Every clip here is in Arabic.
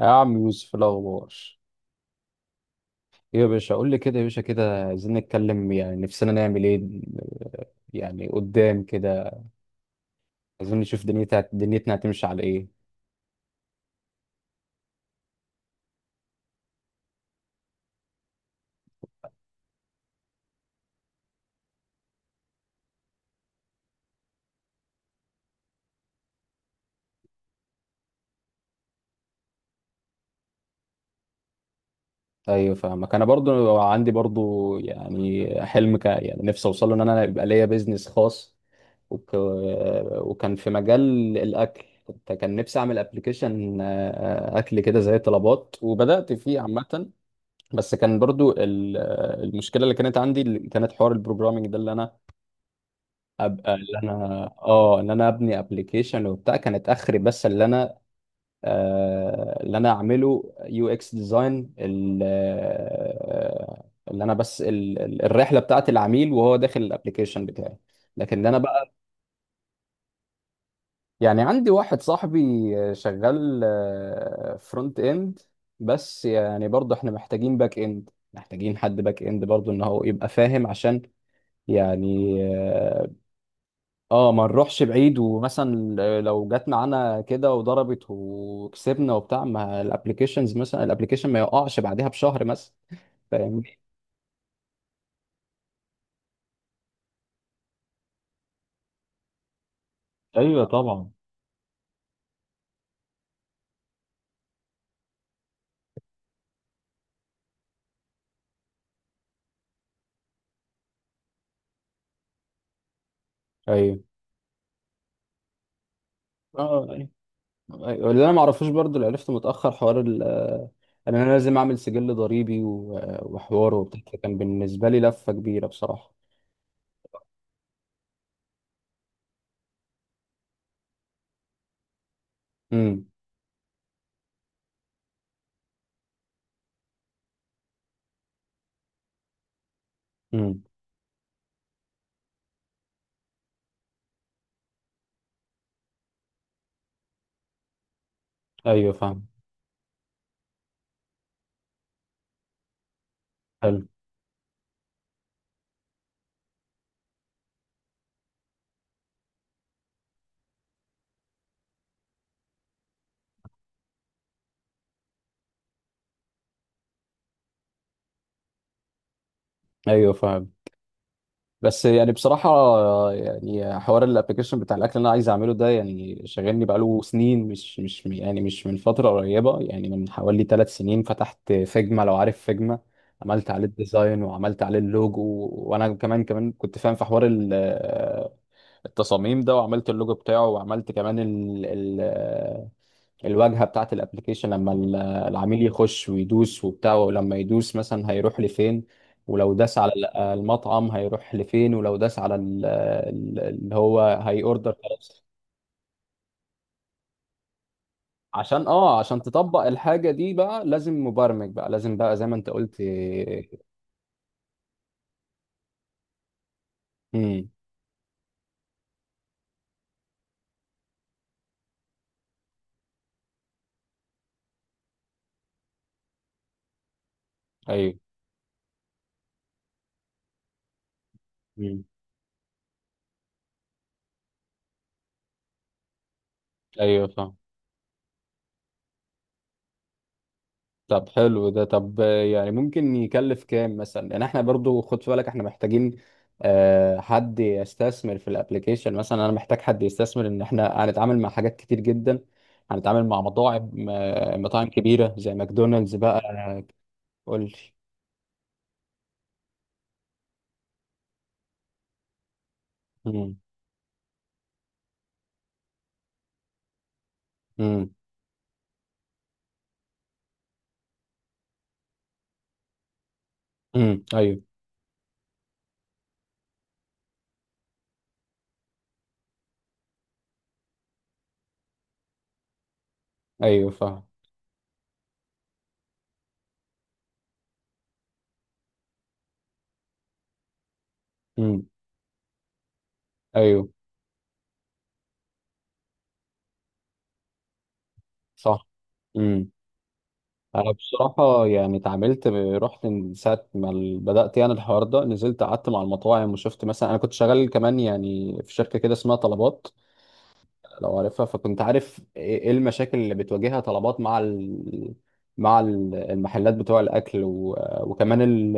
يا عم يوسف، إيه الأخبار؟ إيه يا باشا؟ قول لي كده يا باشا، كده عايزين نتكلم، يعني نفسنا نعمل إيه يعني قدام كده؟ عايزين نشوف دنيتنا هتمشي على إيه؟ أيوة، فاهمك. أنا برضو عندي برضو يعني حلم يعني نفسي أوصله، إن أنا يبقى ليا بيزنس خاص. وك... وكان في مجال الأكل. كان نفسي أعمل أبلكيشن أكل كده زي طلبات، وبدأت فيه عامة. بس كان برضو المشكلة اللي كانت عندي، اللي كانت حوار البروجرامينج ده، اللي أنا ابقى اللي انا اه ان انا ابني ابلكيشن وبتاع، كانت اخري. بس اللي انا، اللي انا اعمله يو اكس ديزاين، اللي انا بس الرحله بتاعت العميل وهو داخل الابلكيشن بتاعي، لكن ده انا بقى. يعني عندي واحد صاحبي شغال فرونت اند، بس يعني برضه احنا محتاجين باك اند، محتاجين حد باك اند برضه ان هو يبقى فاهم، عشان يعني، اه، ما نروحش بعيد، ومثلا لو جت معانا كده وضربت وكسبنا وبتاع، ما الابلكيشنز مثلا الابلكيشن ما يقعش بعدها بشهر مثلا، فاهم؟ ايوه طبعا. ايوه. اه. أيوة. أيوة. اللي انا ما اعرفوش برضو، اللي عرفته متاخر، حوار ان انا لازم اعمل سجل ضريبي، وحوار وبتاع، كان بالنسبه لي لفه كبيره بصراحه. امم. امم. ايوه فاهم. حلو. ايوه فاهم. بس يعني بصراحة، يعني حوار الابلكيشن بتاع الأكل اللي أنا عايز أعمله ده يعني شاغلني بقاله سنين، مش يعني مش من فترة قريبة، يعني من حوالي 3 سنين فتحت فيجما، لو عارف فيجما. عملت عليه الديزاين وعملت عليه اللوجو. وأنا كمان كنت فاهم في حوار التصاميم ده، وعملت اللوجو بتاعه، وعملت كمان الواجهه بتاعت الابلكيشن، لما العميل يخش ويدوس وبتاع، ولما يدوس مثلا هيروح لفين، ولو داس على المطعم هيروح لفين، ولو داس على اللي هو هي اوردر خلاص. عشان عشان تطبق الحاجه دي بقى لازم مبرمج، بقى لازم، بقى زي ما انت قلت. امم. ايوه. مم. ايوه فاهم. طب حلو ده. طب، يعني ممكن يكلف كام مثلا؟ يعني احنا برضو خد في بالك احنا محتاجين حد يستثمر في الابليكيشن. مثلا انا محتاج حد يستثمر، ان احنا هنتعامل مع حاجات كتير جدا، هنتعامل مع مطاعم، مطاعم كبيرة زي ماكدونالدز بقى. قول لي. امم. امم. امم. ايوه. ايوه فاهم. امم. ايوه. صح. انا بصراحه يعني اتعاملت رحت من ساعه ما بدات يعني الحوار ده، نزلت قعدت مع المطاعم وشفت. مثلا انا كنت شغال كمان يعني في شركه كده اسمها طلبات، لو عارفها. فكنت عارف إيه المشاكل اللي بتواجهها طلبات مع المحلات بتوع الاكل، وكمان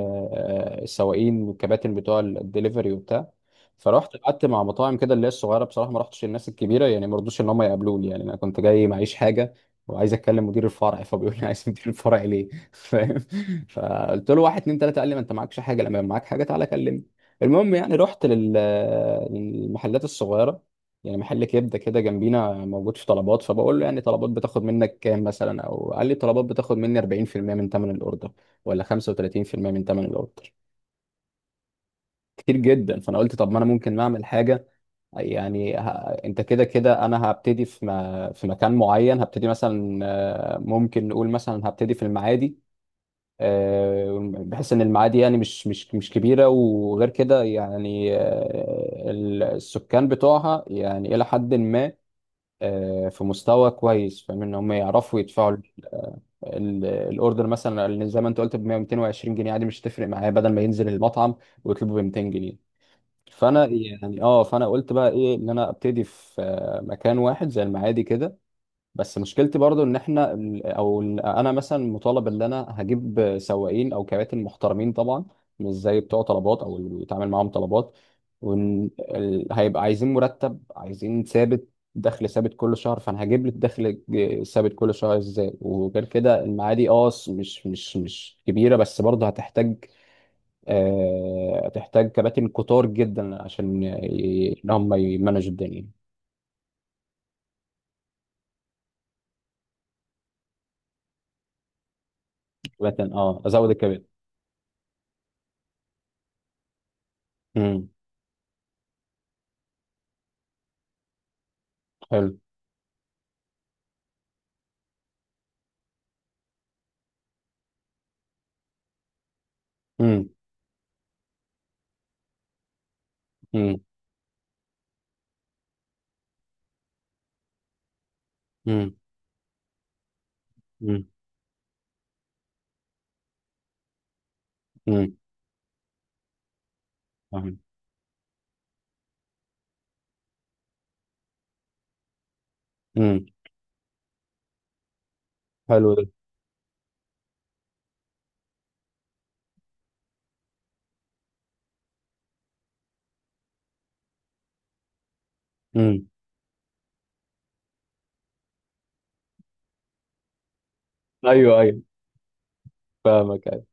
السواقين والكباتن بتوع الدليفري وبتاع. فرحت قعدت مع مطاعم كده اللي هي الصغيره بصراحه، ما رحتش الناس الكبيره يعني، ما رضوش ان هم يقابلوني، يعني انا كنت جاي معيش حاجه وعايز اتكلم مدير الفرع، فبيقول لي عايز مدير الفرع ليه؟ فاهم؟ فقلت له، واحد، اتنين، تلاته، قال لي ما انت معكش حاجه، لما يبقى معاك حاجه تعالى كلمني. المهم، يعني رحت للمحلات الصغيره، يعني محل كبده كده جنبينا موجود في طلبات. فبقول له، يعني طلبات بتاخد منك كام مثلا؟ او قال لي طلبات بتاخد مني 40% من ثمن الاوردر، ولا 35% من ثمن الاوردر. كتير جدا. فانا قلت، طب ما انا ممكن اعمل حاجه. يعني انت كده كده انا هبتدي في ما... في مكان معين. هبتدي مثلا، ممكن نقول مثلا هبتدي في المعادي، بحيث ان المعادي يعني مش كبيره، وغير كده يعني السكان بتوعها يعني الى حد ما، في مستوى كويس، فاهم ان هم يعرفوا يدفعوا الاوردر مثلا، اللي زي ما انت قلت ب 100 220 جنيه، عادي مش تفرق معايا، بدل ما ينزل المطعم ويطلبه ب 200 جنيه. فانا يعني اه فانا قلت بقى ايه، ان انا ابتدي في مكان واحد زي المعادي كده. بس مشكلتي برضو ان احنا انا مثلا مطالب ان انا هجيب سواقين او كباتن محترمين طبعا، مش زي بتوع طلبات او اللي بيتعامل معاهم طلبات، وان هيبقى عايزين مرتب، عايزين ثابت، دخل ثابت كل شهر. فانا هجيب لك دخل ثابت كل شهر ازاي؟ وغير كده المعادي، مش كبيره، بس برضه هتحتاج، هتحتاج كباتن كتار جدا عشان ان هم يمانجوا الدنيا. كباتن، ازود الكباتن. امم. حلو. مم. امم. امم. امم. امم. فاهم. امم. حلو ده. امم. ايوه. ايوه فاهمك.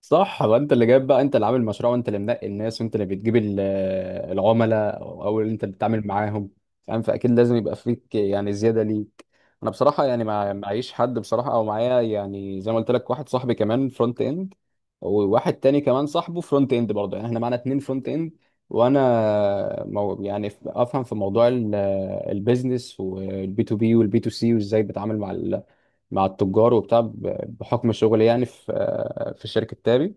صح. وانت اللي جايب بقى، انت اللي عامل المشروع، وانت اللي منقي الناس، وانت اللي بتجيب العملاء، او اللي انت اللي بتتعامل معاهم، فاهم؟ فاكيد لازم يبقى فيك يعني زياده ليك. انا بصراحه يعني ما معيش حد بصراحه، او معايا يعني زي ما قلت لك واحد صاحبي كمان فرونت اند، وواحد تاني كمان صاحبه فرونت اند برضه، يعني احنا معانا اتنين فرونت اند. وانا مو يعني افهم في موضوع البيزنس، والبي تو بي والبي تو سي، وازاي بتعامل مع مع التجار وبتاع، بحكم شغلي يعني في شركه تابي،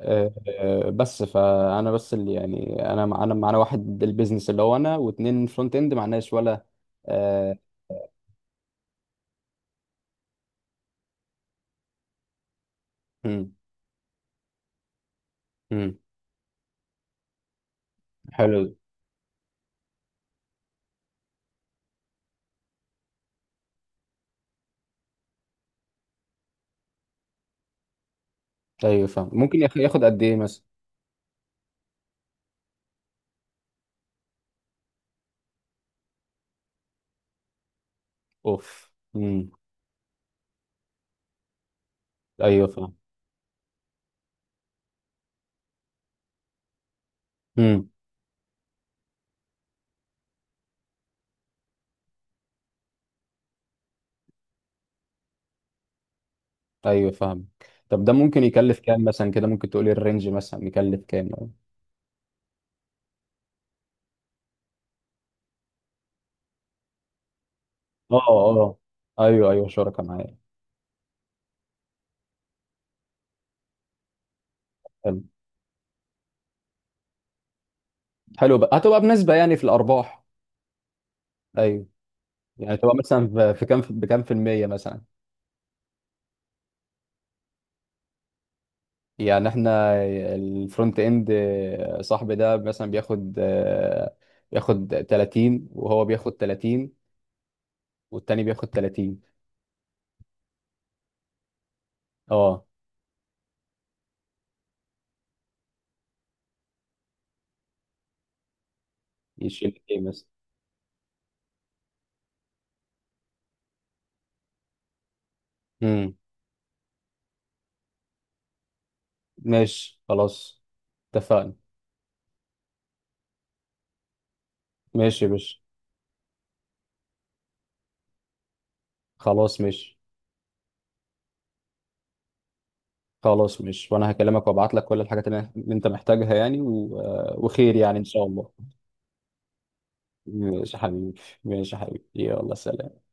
بس فانا بس اللي يعني انا مع- انا معانا واحد البيزنس اللي هو انا، واتنين فرونت اند، معناش ولا، آه، مم، مم. حلو ده. ايوه فاهم. ممكن ياخد قد ايه مثلا؟ اوف. مم. ايوه فاهم. مم. ايوه فاهم. طب ده ممكن يكلف كام مثلا كده؟ ممكن تقولي الرينج مثلا يكلف كام يعني؟ اه. اه. ايوه. ايوه. شركه معايا. حلو. حلو. بقى هتبقى بنسبه يعني في الارباح؟ ايوه. يعني تبقى مثلا في في كام في بكام في المية مثلا؟ يعني احنا الفرونت اند، صاحبي ده مثلا بياخد، بياخد 30، وهو بياخد 30، والتاني بياخد 30. اه يشيل ايه مثلا؟ امم. ماشي خلاص. اتفقنا. ماشي يا باشا. خلاص. ماشي. خلاص ماشي، وانا هكلمك وابعت لك كل الحاجات اللي انت محتاجها يعني، و... آه، وخير يعني ان شاء الله. ماشي يا حبيبي، ماشي يا حبيبي، يلا سلام.